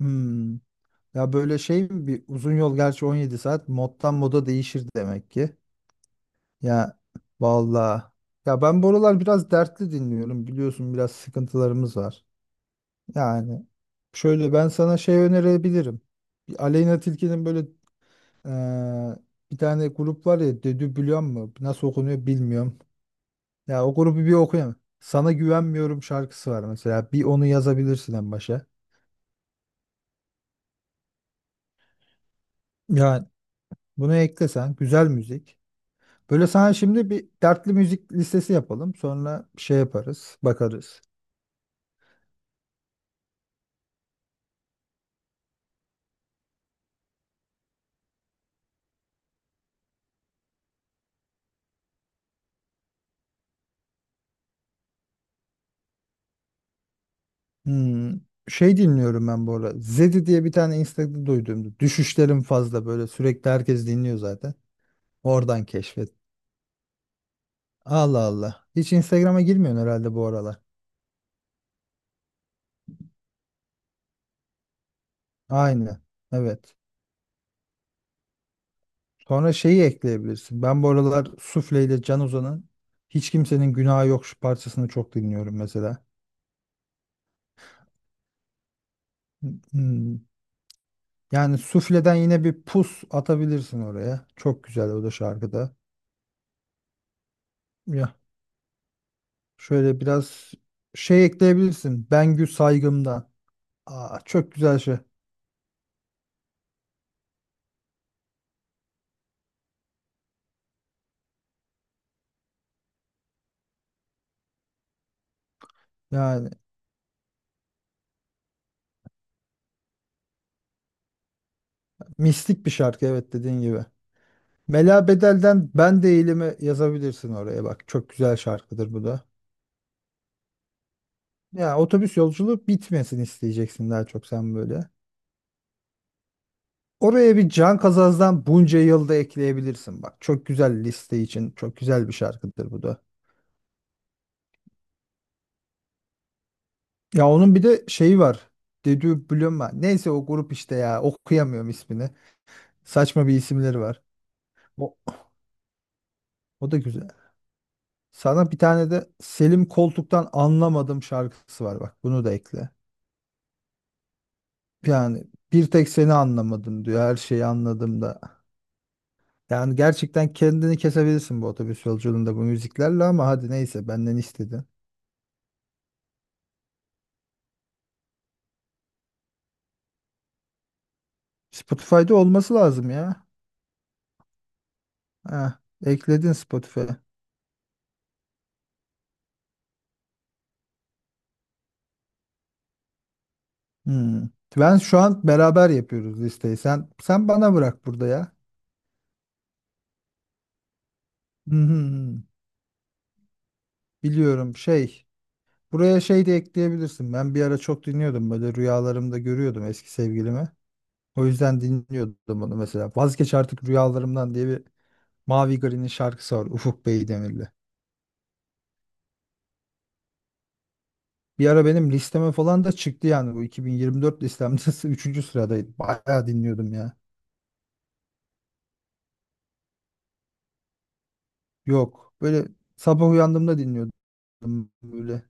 Hmm. Ya böyle şey mi bir uzun yol, gerçi 17 saat moddan moda değişir demek ki. Ya vallahi. Ya ben buralar biraz dertli dinliyorum, biliyorsun biraz sıkıntılarımız var. Yani şöyle ben sana şey önerebilirim. Bir Aleyna Tilki'nin böyle eee, bir tane grup var ya, Dedübülan mı nasıl okunuyor bilmiyorum. Ya o grubu bir okuyayım. Sana güvenmiyorum şarkısı var mesela. Bir onu yazabilirsin en başa. Yani bunu eklesen güzel müzik. Böyle sana şimdi bir dertli müzik listesi yapalım. Sonra şey yaparız, bakarız. Hmm, şey dinliyorum ben bu ara. Zedi diye bir tane Instagram'da duyduğumda. Düşüşlerim fazla, böyle sürekli herkes dinliyor zaten. Oradan keşfet. Allah Allah. Hiç Instagram'a girmiyorsun herhalde bu aralar. Aynı. Evet. Sonra şeyi ekleyebilirsin. Ben bu aralar Sufle ile Can Ozan'ın Hiç Kimsenin Günahı Yok şu parçasını çok dinliyorum mesela. Hmm. Hmm. Yani sufleden yine bir pus atabilirsin oraya. Çok güzel o da şarkıda. Ya şöyle biraz şey ekleyebilirsin. Bengü Saygım'dan. Aa, çok güzel şey. Yani mistik bir şarkı, evet, dediğin gibi. Mela Bedel'den Ben Değilim'i yazabilirsin oraya bak. Çok güzel şarkıdır bu da. Ya otobüs yolculuğu bitmesin isteyeceksin daha çok sen böyle. Oraya bir Can Kazaz'dan bunca yılda ekleyebilirsin bak. Çok güzel liste için çok güzel bir şarkıdır bu da. Ya onun bir de şeyi var. Dedü Blöma. Neyse o grup işte ya. Okuyamıyorum ismini. Saçma bir isimleri var. O, o da güzel. Sana bir tane de Selim Koltuk'tan Anlamadım şarkısı var bak. Bunu da ekle. Yani bir tek seni anlamadım diyor. Her şeyi anladım da. Yani gerçekten kendini kesebilirsin bu otobüs yolculuğunda bu müziklerle ama hadi neyse, benden istedin. Spotify'da olması lazım ya. Heh, ekledin Spotify. Hmm. Ben şu an beraber yapıyoruz listeyi. Sen bana bırak burada ya. Hı hı hı. Biliyorum şey. Buraya şey de ekleyebilirsin. Ben bir ara çok dinliyordum, böyle rüyalarımda görüyordum eski sevgilimi. O yüzden dinliyordum onu mesela. Vazgeç artık rüyalarımdan diye bir Mavi Gari'nin şarkısı var, Ufuk Beydemirli. Bir ara benim listeme falan da çıktı yani, bu 2024 listemde üçüncü sıradaydı. Bayağı dinliyordum ya. Yok böyle sabah uyandığımda dinliyordum böyle.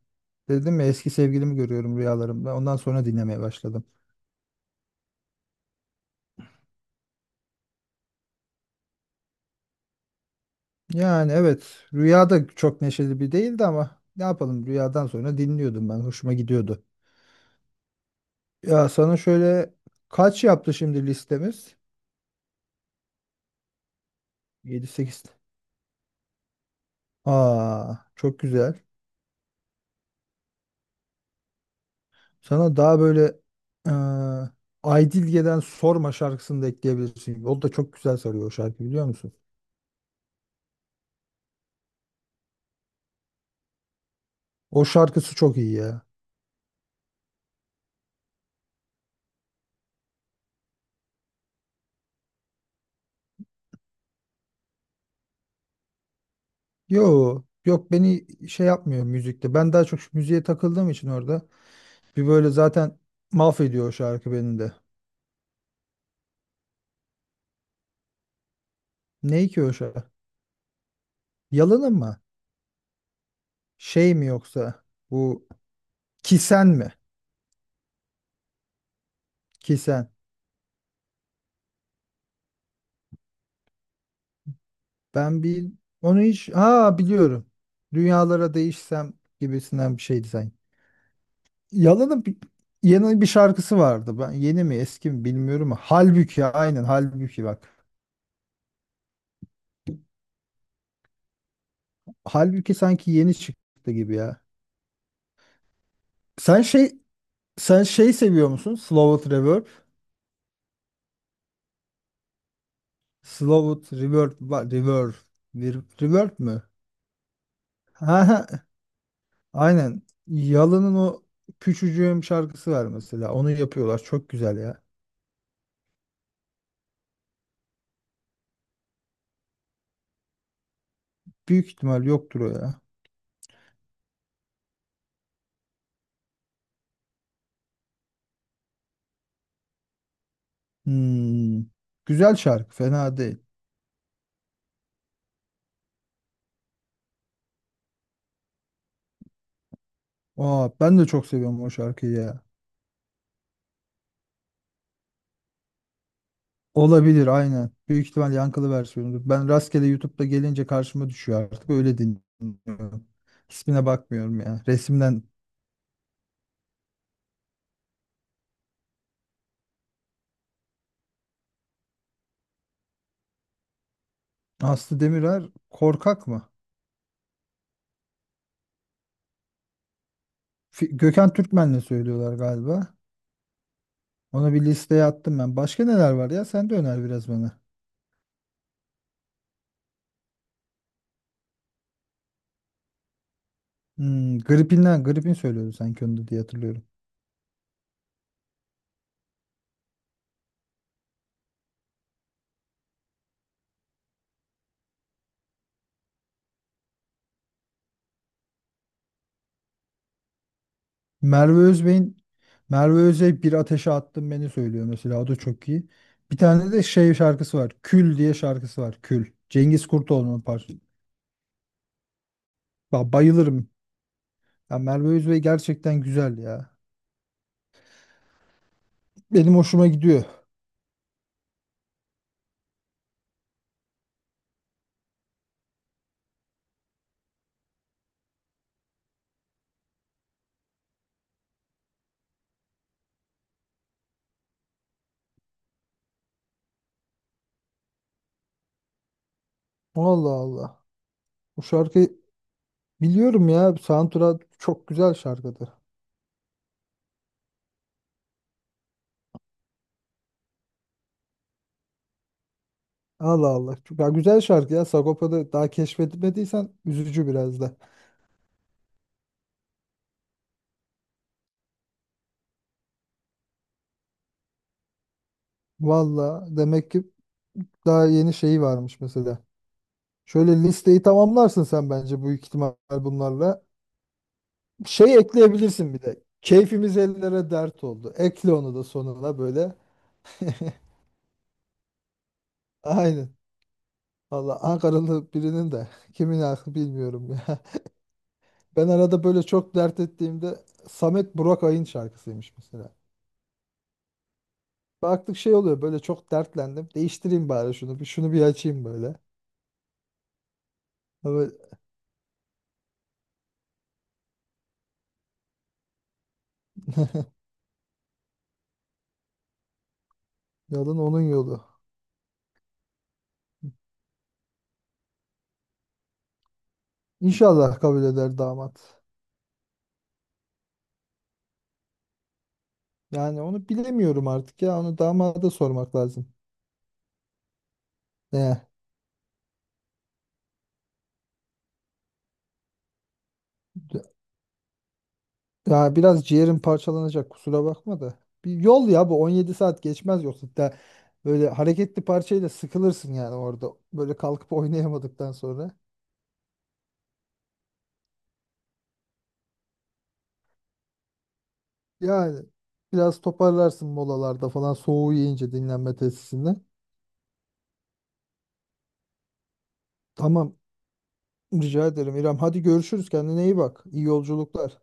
Dedim ya, eski sevgilimi görüyorum rüyalarımda. Ondan sonra dinlemeye başladım. Yani evet, rüyada çok neşeli bir değildi ama ne yapalım, rüyadan sonra dinliyordum ben. Hoşuma gidiyordu. Ya sana şöyle, kaç yaptı şimdi listemiz? Yedi sekiz. Aa, çok güzel. Sana daha böyle eee Aydilge'den Sorma şarkısını da ekleyebilirsin. O da çok güzel sarıyor o şarkı, biliyor musun? O şarkısı çok iyi ya. Yo yok, beni şey yapmıyor müzikte. Ben daha çok şu müziğe takıldığım için orada. Bir böyle zaten mahvediyor o şarkı beni de. Ne ki o şarkı? Yalanın mı? Şey mi yoksa? Bu Kisen mi? Kisen. Ben bir onu hiç, ha, biliyorum. Dünyalara değişsem gibisinden bir şeydi sanki. Yalanın bir, yeni bir şarkısı vardı. Ben yeni mi eski mi bilmiyorum ama Halbuki, aynen Halbuki bak. Halbuki sanki yeni çıktı gibi ya. Sen sen şey seviyor musun? Slow It Reverb. Slow It Reverb var. Reverb. Vir- Reverb mü? Ha, aynen. Yalın'ın o küçücüğüm şarkısı var mesela. Onu yapıyorlar. Çok güzel ya. Büyük ihtimal yoktur o ya. Hmm. Güzel şarkı. Fena değil. Aa, ben de çok seviyorum o şarkıyı ya. Olabilir, aynen. Büyük ihtimal yankılı versiyonudur. Ben rastgele YouTube'da gelince karşıma düşüyor artık. Öyle dinliyorum. İsmine bakmıyorum ya. Resimden Aslı Demirer Korkak mı? Fi- Gökhan Türkmen'le söylüyorlar galiba. Ona bir listeye attım ben. Başka neler var ya? Sen de öner biraz bana. Hmm, gripinden, gripin söylüyordu sanki onu da diye hatırlıyorum. Merve Özbey'in, Merve Özbey bir ateşe attım beni söylüyor mesela. O da çok iyi. Bir tane de şey şarkısı var. Kül diye şarkısı var. Kül. Cengiz Kurtoğlu'nun parçası. Ba- Bayılırım. Ya Merve Özbey gerçekten güzel ya. Benim hoşuma gidiyor. Allah Allah. Bu şarkı, biliyorum ya. Soundtrack çok güzel şarkıdır. Allah Allah. Çok- Ya güzel şarkı ya. Sagopa'da daha keşfedilmediysen üzücü biraz da. Valla demek ki daha yeni şeyi varmış mesela. Şöyle listeyi tamamlarsın sen bence büyük ihtimal bunlarla. Şey ekleyebilirsin bir de. Keyfimiz ellere dert oldu. Ekle onu da sonuna böyle. Aynen. Valla Ankaralı birinin de kimin aklı bilmiyorum ya. Ben arada böyle çok dert ettiğimde Samet Burak Ay'ın şarkısıymış mesela. Baktık şey oluyor böyle, çok dertlendim. Değiştireyim bari şunu, bir şunu bir açayım böyle. Ama yolun onun yolu. İnşallah kabul eder damat. Yani onu bilemiyorum artık ya. Onu damada sormak lazım. Ne? Ya biraz ciğerim parçalanacak, kusura bakma da. Bir yol ya, bu 17 saat geçmez yoksa da böyle hareketli parçayla sıkılırsın yani orada. Böyle kalkıp oynayamadıktan sonra. Yani biraz toparlarsın molalarda falan, soğuğu yiyince dinlenme tesisinde. Tamam, rica ederim İrem. Hadi görüşürüz, kendine iyi bak. İyi yolculuklar.